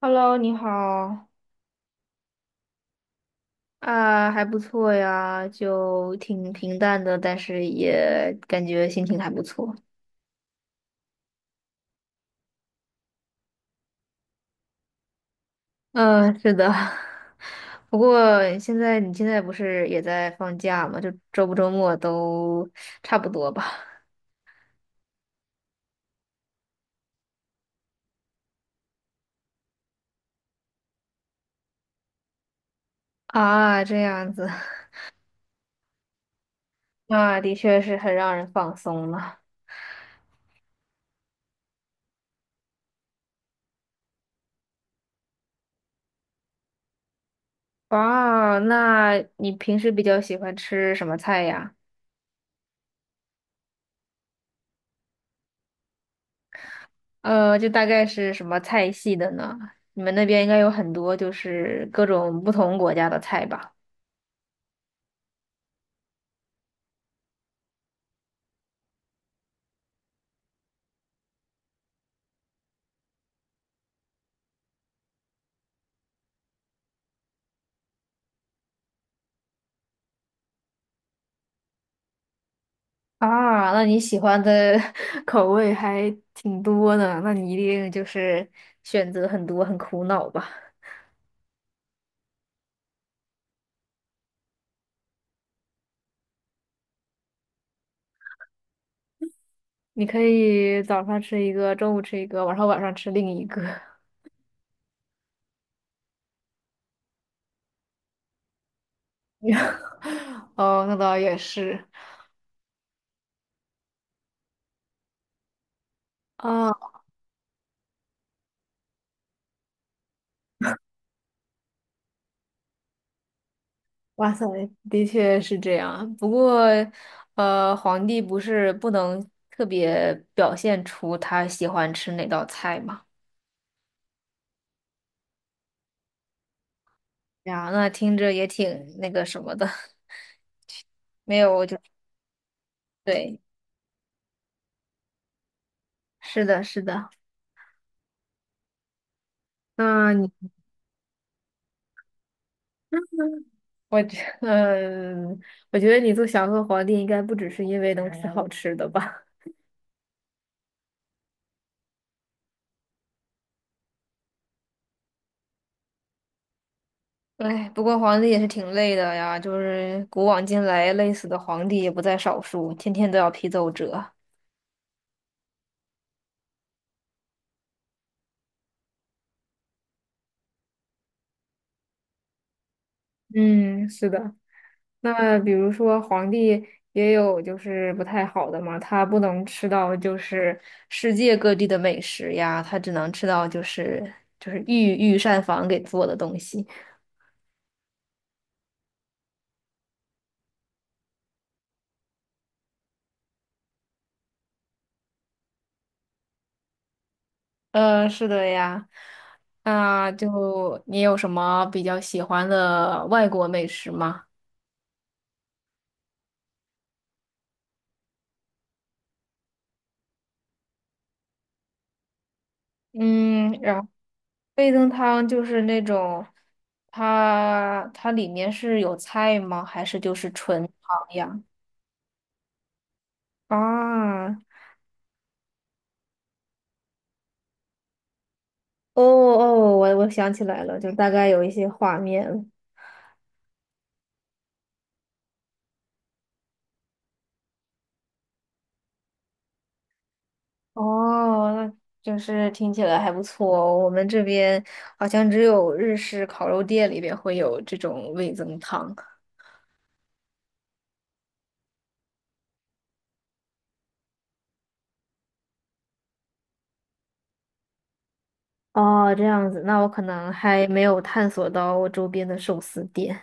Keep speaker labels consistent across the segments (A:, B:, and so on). A: Hello，你好。啊，还不错呀，就挺平淡的，但是也感觉心情还不错。嗯，是的。不过你现在不是也在放假吗？就周不周末都差不多吧。啊，这样子。那的确是很让人放松了。哇，那你平时比较喜欢吃什么菜呀？就大概是什么菜系的呢？你们那边应该有很多，就是各种不同国家的菜吧？啊，那你喜欢的 口味还挺多呢，那你一定就是选择很多，很苦恼吧？你可以早上吃一个，中午吃一个，晚上吃另一个。哦，那倒也是。啊。哇塞，的确是这样。不过，皇帝不是不能特别表现出他喜欢吃哪道菜吗？哎呀，那听着也挺那个什么的。没有，我就对，是的，是的。那你，我觉，我觉得你做祥和皇帝应该不只是因为能吃好吃的吧？哎，不过皇帝也是挺累的呀，就是古往今来累死的皇帝也不在少数，天天都要批奏折。嗯，是的。那么比如说皇帝也有就是不太好的嘛，他不能吃到就是世界各地的美食呀，他只能吃到就是御膳房给做的东西。呃，是的呀。啊，就你有什么比较喜欢的外国美食吗？嗯，然后味噌汤就是那种，它里面是有菜吗？还是就是纯汤呀？啊。哦哦，我想起来了，就大概有一些画面了。哦，那就是听起来还不错哦。我们这边好像只有日式烤肉店里边会有这种味增汤。哦，这样子，那我可能还没有探索到我周边的寿司店。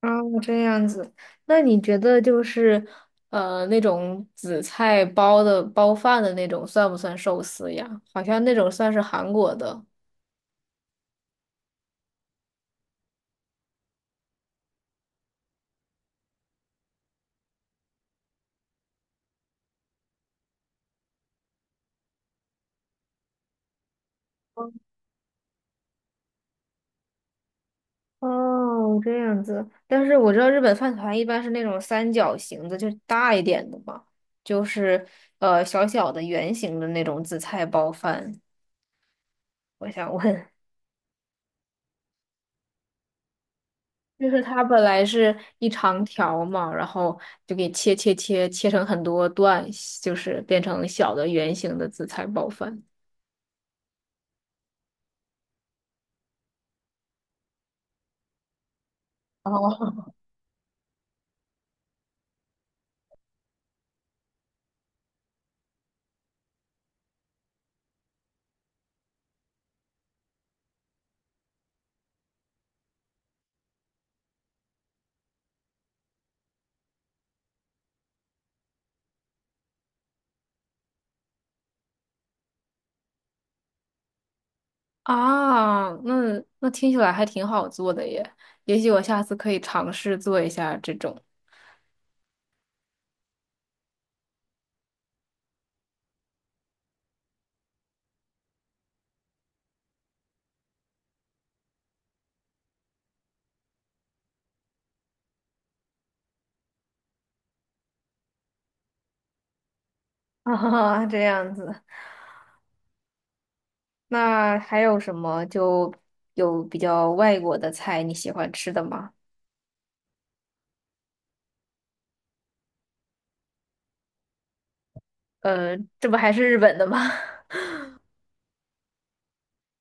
A: 哦，这样子，那你觉得就是那种紫菜包的包饭的那种算不算寿司呀？好像那种算是韩国的。哦，这样子。但是我知道日本饭团一般是那种三角形的，就是大一点的嘛，就是小小的圆形的那种紫菜包饭。我想问，就是它本来是一长条嘛，然后就给切成很多段，就是变成小的圆形的紫菜包饭。哦，啊，那那听起来还挺好做的耶，也许我下次可以尝试做一下这种。啊，这样子。那还有什么就有比较外国的菜你喜欢吃的吗？这不还是日本的吗？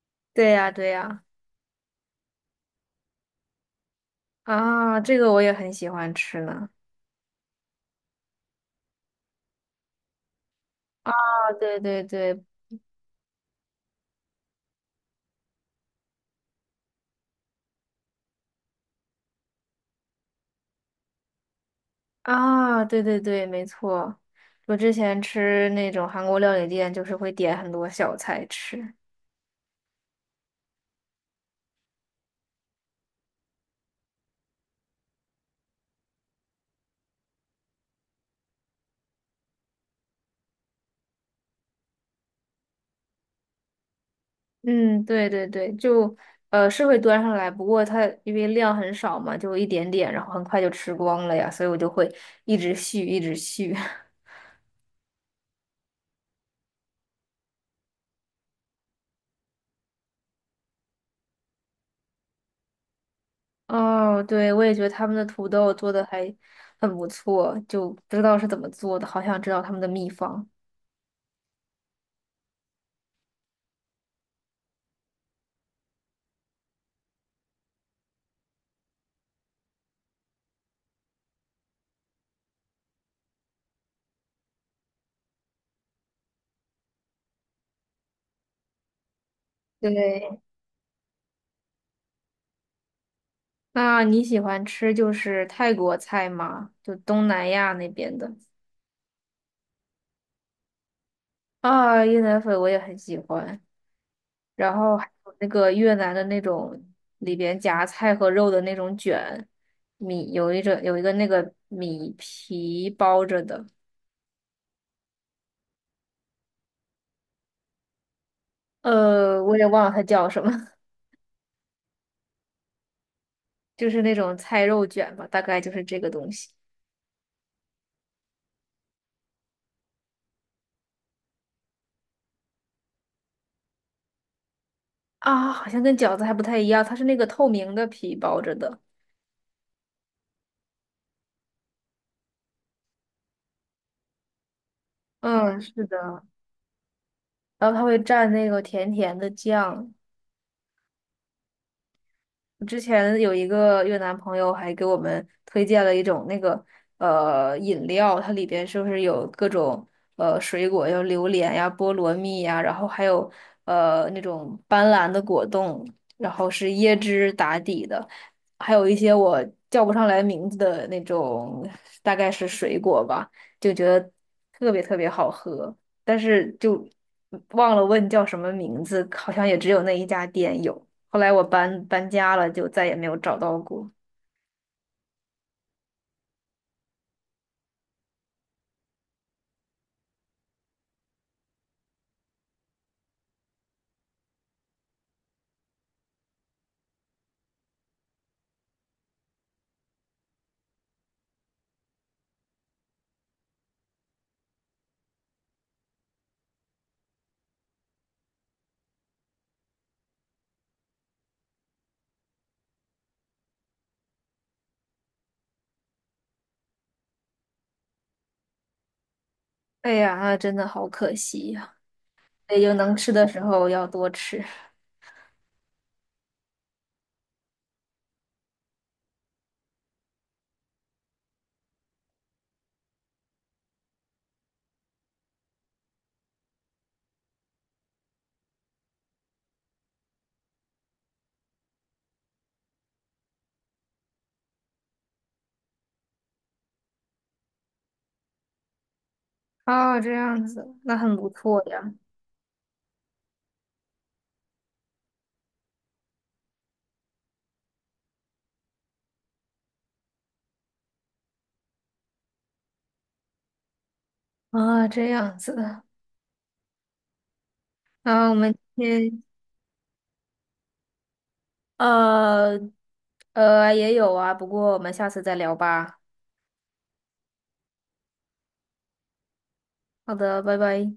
A: 对呀，对呀，啊，这个我也很喜欢吃呢。啊，对对对。啊，对对对，没错。我之前吃那种韩国料理店，就是会点很多小菜吃。嗯，对对对，就是会端上来，不过它因为量很少嘛，就一点点，然后很快就吃光了呀，所以我就会一直续，一直续。哦，对，我也觉得他们的土豆做的还很不错，就不知道是怎么做的，好想知道他们的秘方。对，那你喜欢吃就是泰国菜吗？就东南亚那边的。啊，越南粉我也很喜欢，然后还有那个越南的那种里边夹菜和肉的那种卷米，有一种有一个那个米皮包着的，呃，我也忘了它叫什么。就是那种菜肉卷吧，大概就是这个东西。啊，好像跟饺子还不太一样，它是那个透明的皮包着的。嗯，是的。然后它会蘸那个甜甜的酱，之前有一个越南朋友还给我们推荐了一种那个饮料，它里边是不是有各种水果，有榴莲呀、菠萝蜜呀，然后还有那种斑斓的果冻，然后是椰汁打底的，还有一些我叫不上来名字的那种，大概是水果吧，就觉得特别特别好喝，但是就忘了问叫什么名字，好像也只有那一家店有。后来我搬家了，就再也没有找到过。哎呀，真的好可惜呀！也就能吃的时候要多吃。啊，这样子，那很不错呀。啊，这样子。啊，我们今天呃也有啊，不过我们下次再聊吧。好的，拜拜。